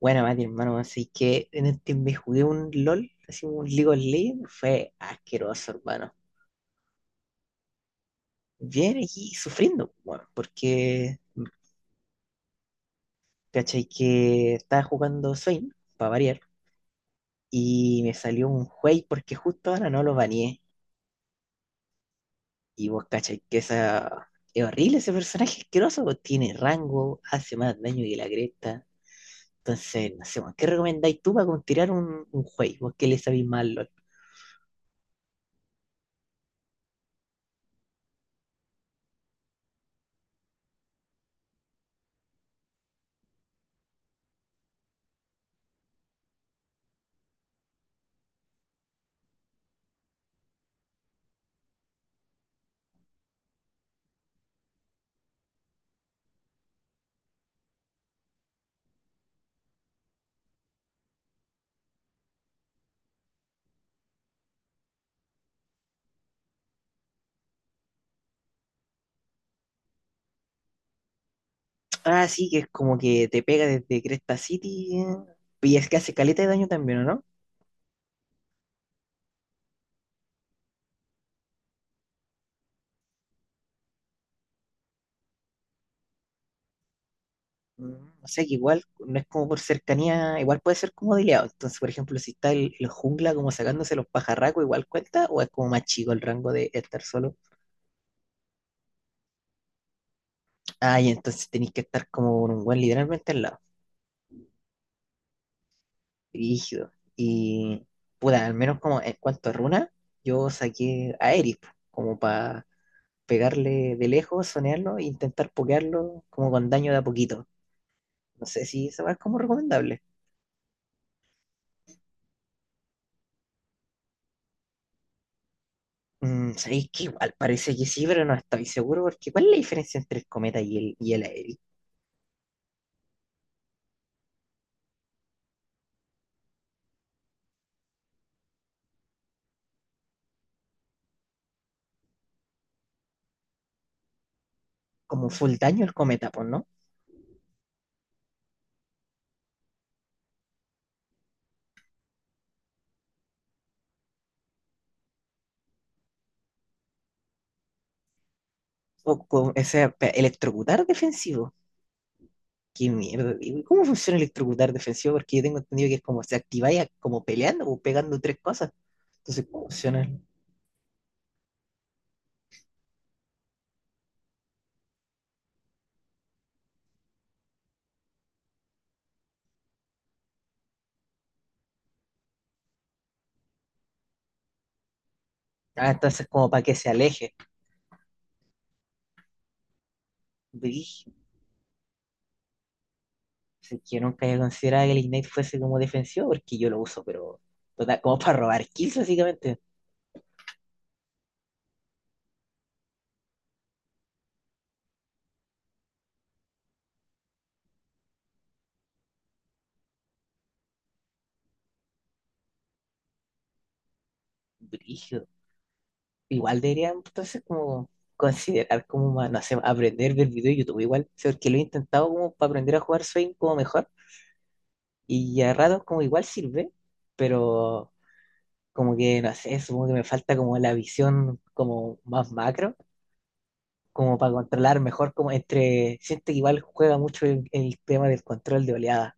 Bueno, Mati, hermano, así que en este me jugué un LOL, así un League of Legends, fue asqueroso, hermano. Bien aquí sufriendo, bueno, porque, ¿cachai? Que estaba jugando Swain, para variar, y me salió un juez porque justo ahora no lo baneé. Y vos, ¿cachai? Que esa... es horrible ese personaje asqueroso, pues, tiene rango, hace más daño que la cresta. Entonces, no sé, weón, ¿qué recomendáis tú para como tirar un juez? ¿Vos qué le sabéis mal? Ah, sí, que es como que te pega desde Cresta City. Y es que hace caleta de daño también, ¿o no? Mm, o sea que igual no es como por cercanía, igual puede ser como dileado. Entonces, por ejemplo, si está el jungla como sacándose los pajarracos, igual cuenta, o es como más chico el rango de estar solo. Ah, y entonces tenéis que estar como con un buen literalmente al lado, rígido. Y puta, al menos como en cuanto a runa, yo saqué a Eric, como para pegarle de lejos, sonearlo e intentar pokearlo como con daño de a poquito. No sé si esa weá es como recomendable. Mm, sabéis que igual parece que sí, pero no estoy seguro, porque ¿cuál es la diferencia entre el cometa y el aéreo? Como full daño el cometa, pues, ¿no? O con ese electrocutar defensivo. Qué mierda. ¿Cómo funciona el electrocutar defensivo? Porque yo tengo entendido que es como se activáis como peleando o pegando tres cosas. Entonces, ¿cómo funciona? Ah, entonces como para que se aleje. Brígido. Sí, que yo nunca había considerado que el Ignite fuese como defensivo, porque yo lo uso, pero total, como para robar kills, básicamente. Brígido. Igual deberían entonces como considerar como, no sé, aprender del video de YouTube igual, sí, porque lo he intentado como para aprender a jugar Swing como mejor y a ratos como igual sirve, pero como que, no sé, supongo que me falta como la visión como más macro, como para controlar mejor como entre, siento que igual juega mucho el tema del control de oleada,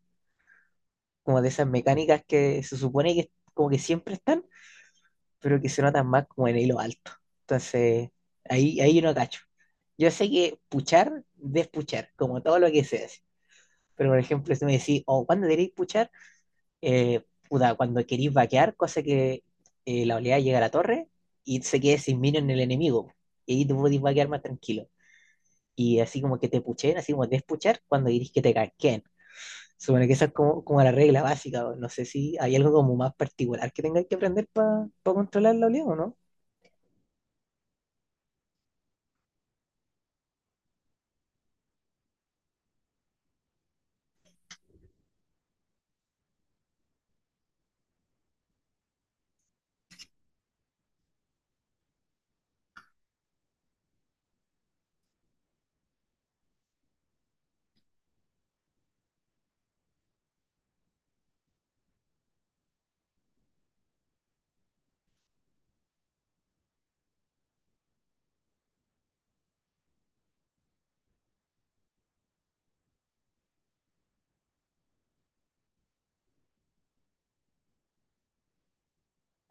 como de esas mecánicas que se supone que como que siempre están pero que se notan más como en hilo alto. Entonces, ahí yo no cacho. Yo sé que puchar, despuchar, como todo lo que se hace. Pero, por ejemplo, si me decís, oh, ¿cuándo queréis puchar? Puta, cuando queréis vaquear, cosa que la oleada llega a la torre y se quede sin minion en el enemigo. Y ahí te podéis vaquear más tranquilo. Y así como que te puchen, así como despuchar, cuando queréis que te casquen. Supone que esa es como, como la regla básica. O no sé si hay algo como más particular que tengáis que aprender para controlar la oleada o no.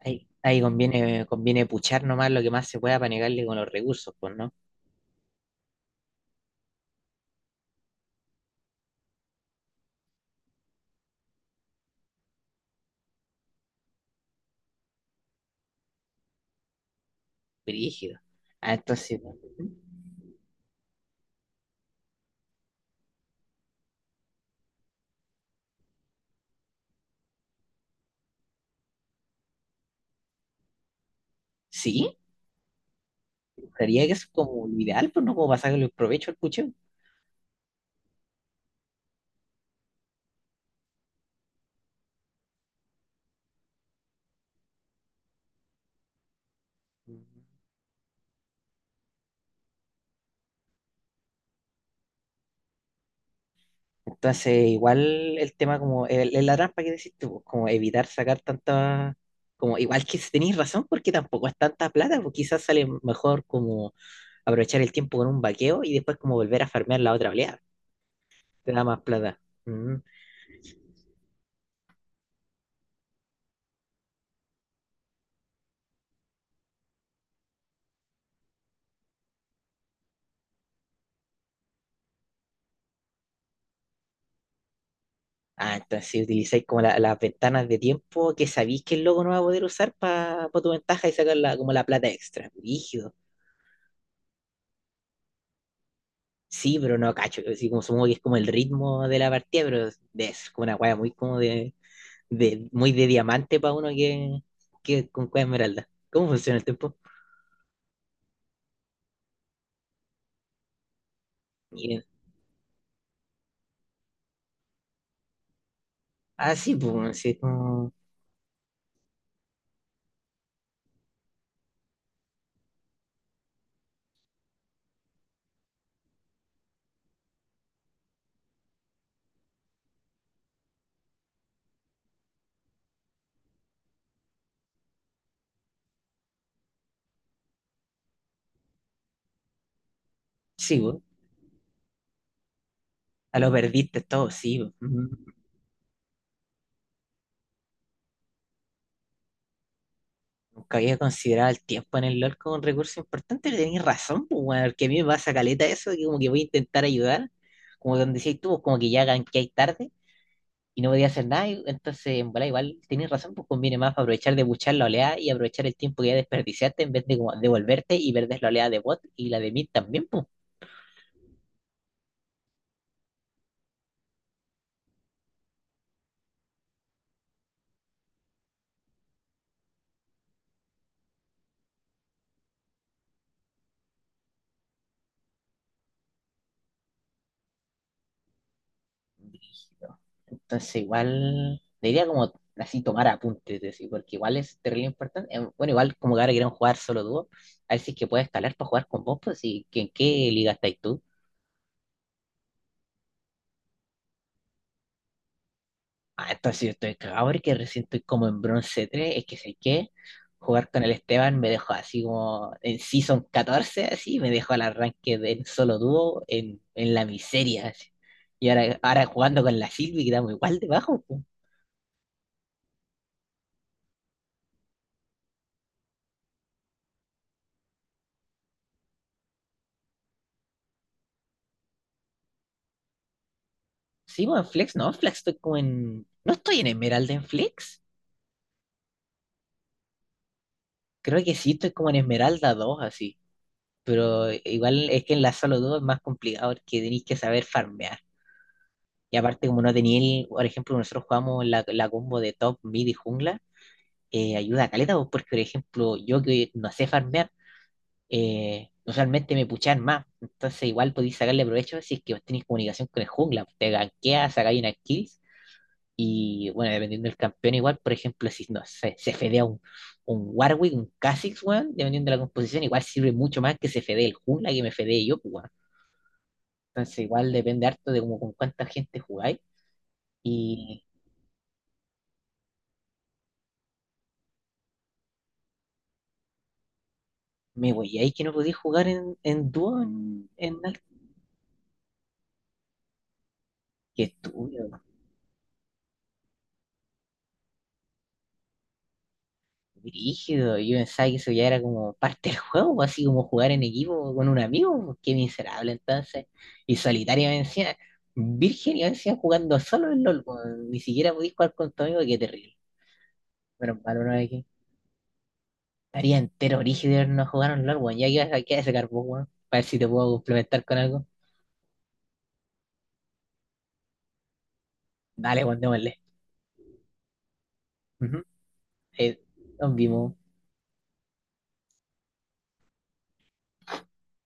Ahí conviene, conviene puchar nomás lo que más se pueda para negarle con los recursos, pues, ¿no? Brígido. Ah, entonces, sí, sería que eso es como lo ideal, pues, ¿no? Como para sacarle el provecho al pucheo. Entonces, igual el tema como, la trampa que decís tú, pues, como evitar sacar tanta, como igual que si tenéis razón, porque tampoco es tanta plata, pues quizás sale mejor como aprovechar el tiempo con un vaqueo y después como volver a farmear la otra oleada, te da más plata. Mm. Ah, entonces si utilizáis como las ventanas de tiempo que sabéis que el loco no va a poder usar para tu ventaja y sacar la, como la plata extra. Rígido. Sí, pero no cacho. Así como supongo que es como el ritmo de la partida, pero es como una wea muy como de, muy de diamante para uno que con cueva esmeralda. ¿Cómo funciona el tiempo? Miren. Ah, sí, pues, sí, como... sí, pues. A lo perdiste todo, sí, pues. Nunca había considerado el tiempo en el LOL como un recurso importante, pero tenéis razón, pues, weón, porque a mí me pasa caleta eso, que como que voy a intentar ayudar, como donde decís tú, pues, como que ya hay tarde y no podía hacer nada, y entonces, en bola, igual tenéis razón, pues conviene más aprovechar de buchar la oleada y aprovechar el tiempo que ya desperdiciaste en vez de como devolverte y perder la oleada de bot y la de mid también, pues. Entonces, igual, diría como así tomar apuntes, decir, porque igual es terrible importante. Bueno, igual como que ahora quieren jugar solo dúo, a ver si es que puedes escalar para jugar con vos, pues, y que en qué liga estáis tú. Ah, entonces si yo estoy cagado porque recién estoy como en bronce 3 es que sé qué, jugar con el Esteban me dejó así como en Season 14 así, me dejó al arranque del solo dúo en la miseria, así. Y ahora jugando con la Silvi quedamos igual debajo, sí, bueno, en Flex, no, en Flex estoy como en... No estoy en Emerald en Flex. Creo que sí, estoy como en Esmeralda 2 así. Pero igual es que en la Solo 2 es más complicado porque tenéis que saber farmear. Y aparte, como no tenía el, por ejemplo, nosotros jugamos la combo de top, mid y jungla, ayuda a caleta, pues, porque, por ejemplo, yo que no sé farmear, usualmente me puchan más. Entonces, igual podéis sacarle provecho si es que tenéis comunicación con el jungla. Te ganqueas, sacáis una kill y bueno, dependiendo del campeón, igual, por ejemplo, si no sé, se fedea un Warwick, un Kha'Zix, weón, dependiendo de la composición, igual sirve mucho más que se fedee el jungla que me fedee yo, pues, weón. Entonces, igual depende harto de como con cuánta gente jugáis. Y me voy, ahí que no podéis jugar en dúo en qué estúpido. Brígido, yo pensaba que eso ya era como parte del juego, pues, así como jugar en equipo con un amigo, pues, qué miserable entonces. Y solitario me decía, virgen, y me decía jugando solo en LOL, pues, ni siquiera podías jugar con tu amigo, qué terrible. Menos mal uno de que estaría entero brígido de habernos jugado en LOL, weón, ya que vas a quedar ese carbón, weón, para ver si te puedo complementar con algo. Dale, weón, démosle. Ujú. Eh, nos vimos.